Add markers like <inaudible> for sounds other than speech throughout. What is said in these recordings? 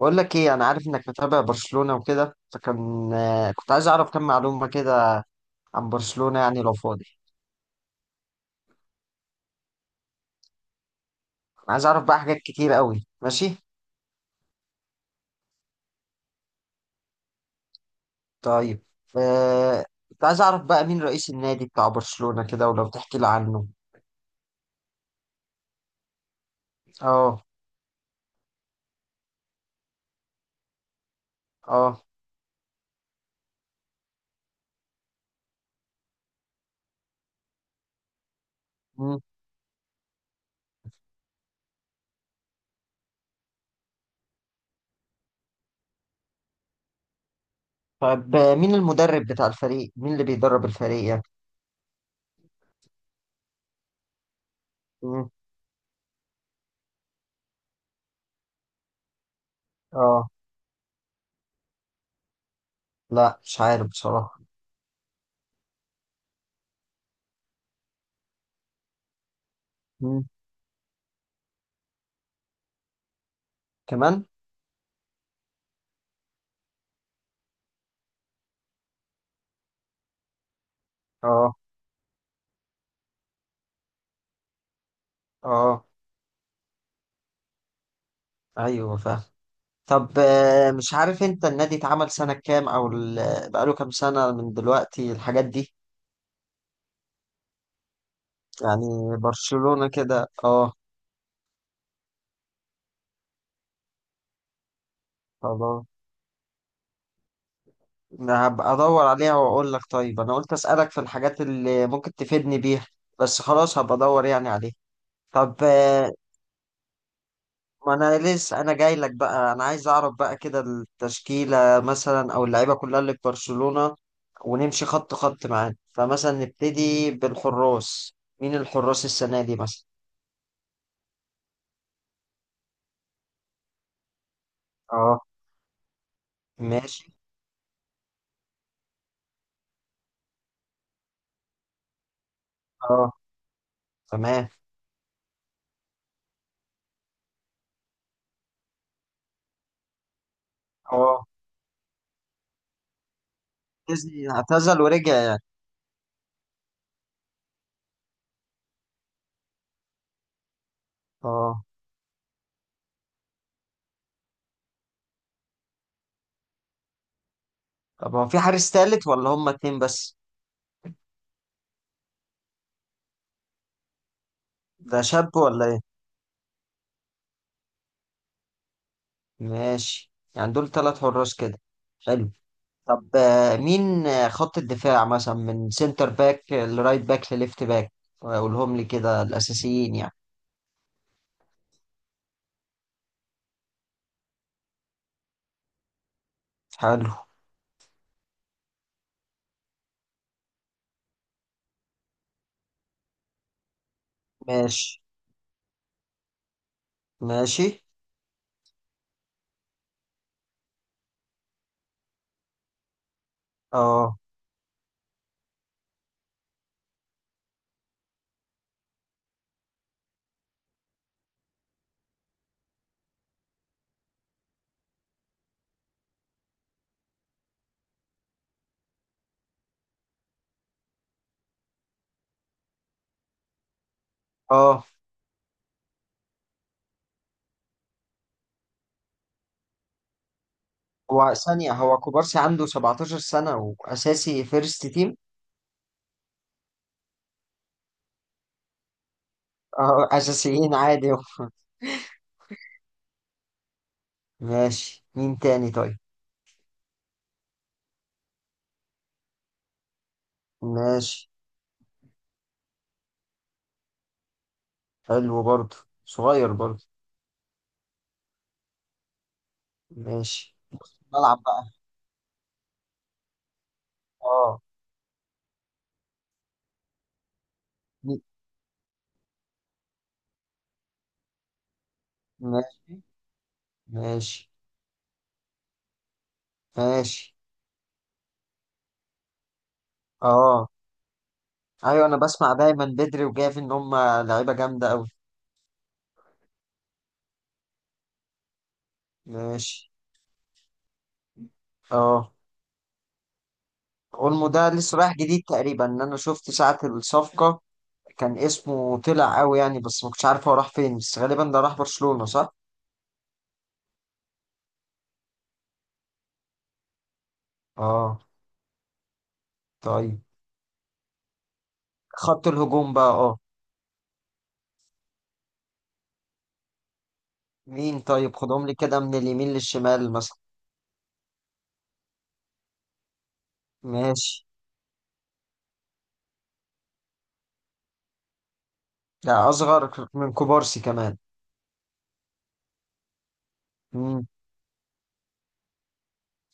بقول لك ايه؟ انا عارف انك متابع برشلونة وكده، فكان كنت عايز اعرف كم معلومة كده عن برشلونة يعني لو فاضي. أنا عايز اعرف بقى حاجات كتير قوي. ماشي. طيب. كنت عايز اعرف بقى مين رئيس النادي بتاع برشلونة كده، ولو تحكي لي عنه. اه. اه. مم. طب مين المدرب بتاع الفريق؟ مين اللي بيدرب الفريق يعني؟ مم. اه، لا مش عارف بصراحة. مم. كمان. اه. اه. ايوه فاهم. طب مش عارف انت، النادي اتعمل سنة كام؟ او بقاله كام سنة من دلوقتي، الحاجات دي. يعني برشلونة كده. اه. خلاص. أنا هبقى ادور عليها واقول لك. طيب انا قلت اسألك في الحاجات اللي ممكن تفيدني بيها، بس خلاص هبقى ادور يعني عليها. طب ما انا لسه انا جاي لك بقى، انا عايز اعرف بقى كده التشكيلة مثلا، او اللعيبة كلها اللي في برشلونة، ونمشي خط خط معانا. فمثلا نبتدي بالحراس. مين الحراس السنة دي مثلا؟ اه. ماشي. اه. تمام. اه، ديزني اعتزل ورجع يعني؟ اه. طب هو في حارس تالت، ولا هما اتنين بس؟ ده شاب ولا ايه؟ ماشي، يعني دول تلات حراس كده. حلو. طب مين خط الدفاع مثلا، من سنتر باك لرايت باك لليفت باك؟ اقولهم لي كده الاساسيين يعني. حلو. ماشي. ماشي. اه. اه. هو ثانية، هو كوبارسي عنده 17 سنة وأساسي فيرست تيم؟ اه، أساسيين عادي؟ <laughs> ماشي، مين تاني طيب؟ ماشي. حلو برضه. صغير برضه. ماشي. بلعب بقى. اه. مي- ماشي. ماشي. ماشي. اه، ايوه، انا بسمع دايما بدري وجافي ان هم لعيبه جامده قوي. ماشي. اه، اولمو ده لسه رايح جديد تقريبا، ان انا شفت ساعه الصفقه كان اسمه طلع قوي يعني، بس ما كنتش عارف هو راح فين، بس غالبا ده راح برشلونه، صح؟ اه. طيب. خط الهجوم بقى، اه. مين طيب؟ خدهم لي كده من اليمين للشمال مثلا. ماشي. ده اصغر من كوبارسي كمان؟ مم.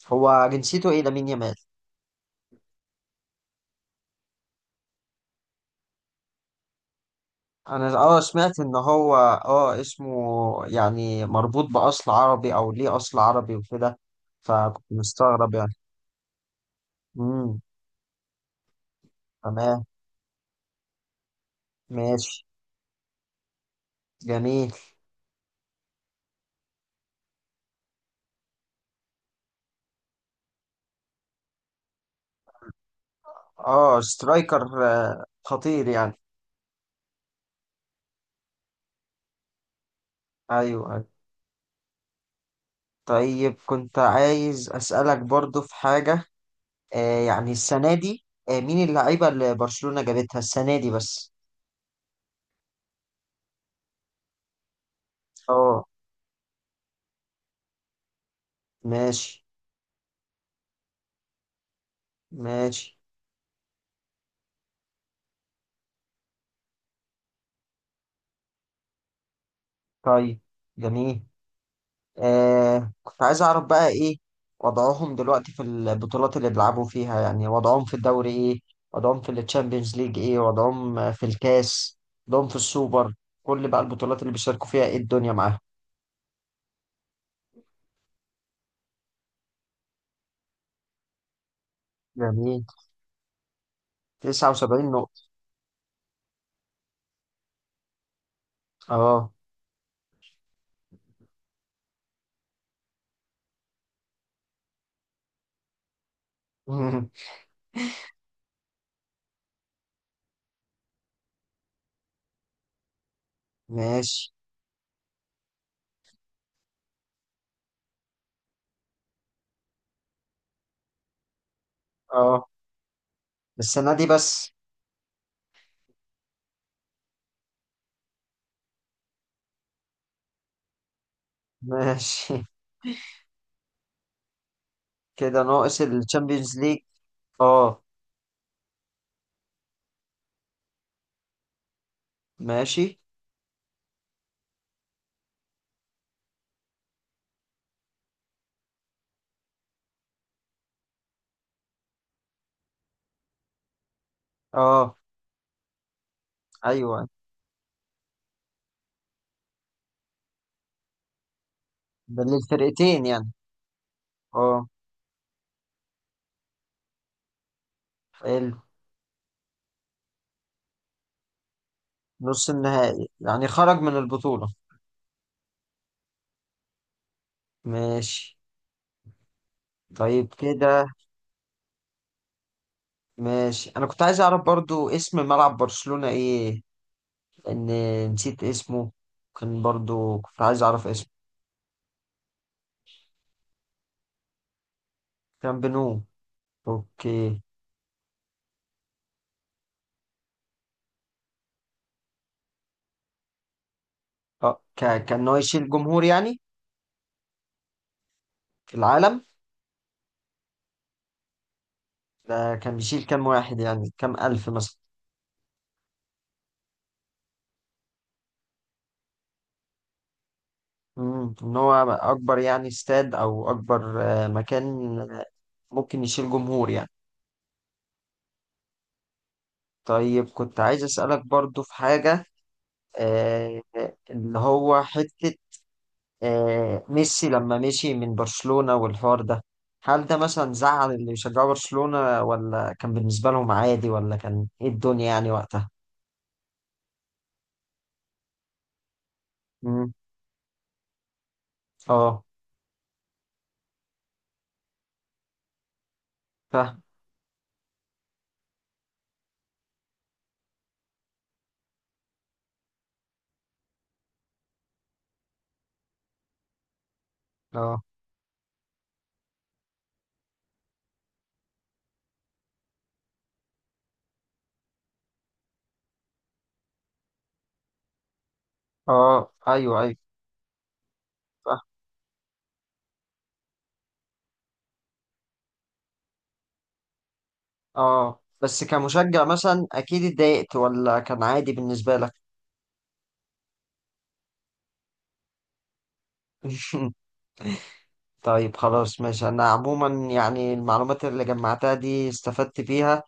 هو جنسيته ايه لامين يامال؟ انا سمعت ان هو اسمه، يعني مربوط باصل عربي، او ليه اصل عربي وكده، فكنت مستغرب يعني. امم تمام. ماشي. جميل. اه، سترايكر خطير يعني. ايوه، أيوة. طيب كنت عايز اسالك برضو في حاجه. يعني السنه دي، مين اللعيبه اللي برشلونه جابتها السنه دي بس؟ اه. ماشي. ماشي. طيب. جميل. كنت عايز اعرف بقى ايه وضعهم دلوقتي في البطولات اللي بيلعبوا فيها. يعني وضعهم في الدوري ايه، وضعهم في التشامبيونز ليج ايه، وضعهم في الكاس، وضعهم في السوبر، كل بقى البطولات اللي بيشاركوا فيها، ايه الدنيا معاهم؟ جميل. 79 نقطة. اه. <laughs> ماشي. اه، السنة دي بس؟ <laughs> ماشي، كده ناقص التشامبيونز ليج. اه. ماشي. اه، ايوه، ده للفرقتين يعني؟ اه، نص النهائي يعني، خرج من البطولة. ماشي. طيب كده. ماشي. انا كنت عايز اعرف برضو اسم ملعب برشلونة ايه، لان نسيت اسمه، كان برضو كنت عايز اعرف اسمه. كان بنو. اوكي. اه، كان هو يشيل جمهور يعني، في العالم. ده كان بيشيل كام واحد يعني، كام الف مثلا؟ ان هو اكبر يعني استاد، او اكبر مكان ممكن يشيل جمهور يعني. طيب كنت عايز اسالك برضو في حاجة. آه، اللي هو حتة، ميسي لما مشي من برشلونة والحوار ده، هل ده مثلا زعل اللي بيشجعوا برشلونة، ولا كان بالنسبة لهم عادي، ولا كان ايه الدنيا يعني وقتها؟ مم. اه، فاهم. اه. اه. ايوه. ايوه فاهم. اه بس كمشجع مثلا اكيد اتضايقت، ولا كان عادي بالنسبة لك؟ <laughs> طيب خلاص ماشي، انا عموما يعني المعلومات اللي جمعتها دي استفدت بيها،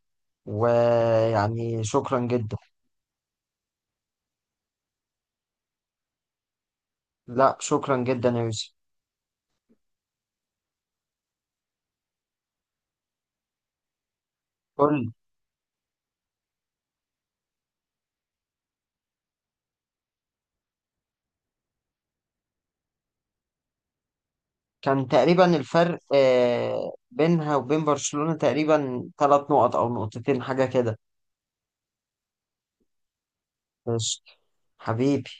ويعني شكرا جدا. لا شكرا جدا يا يوسف. قول لي، كان تقريبا الفرق بينها وبين برشلونة تقريبا 3 نقط او نقطتين حاجة كده. بس. حبيبي.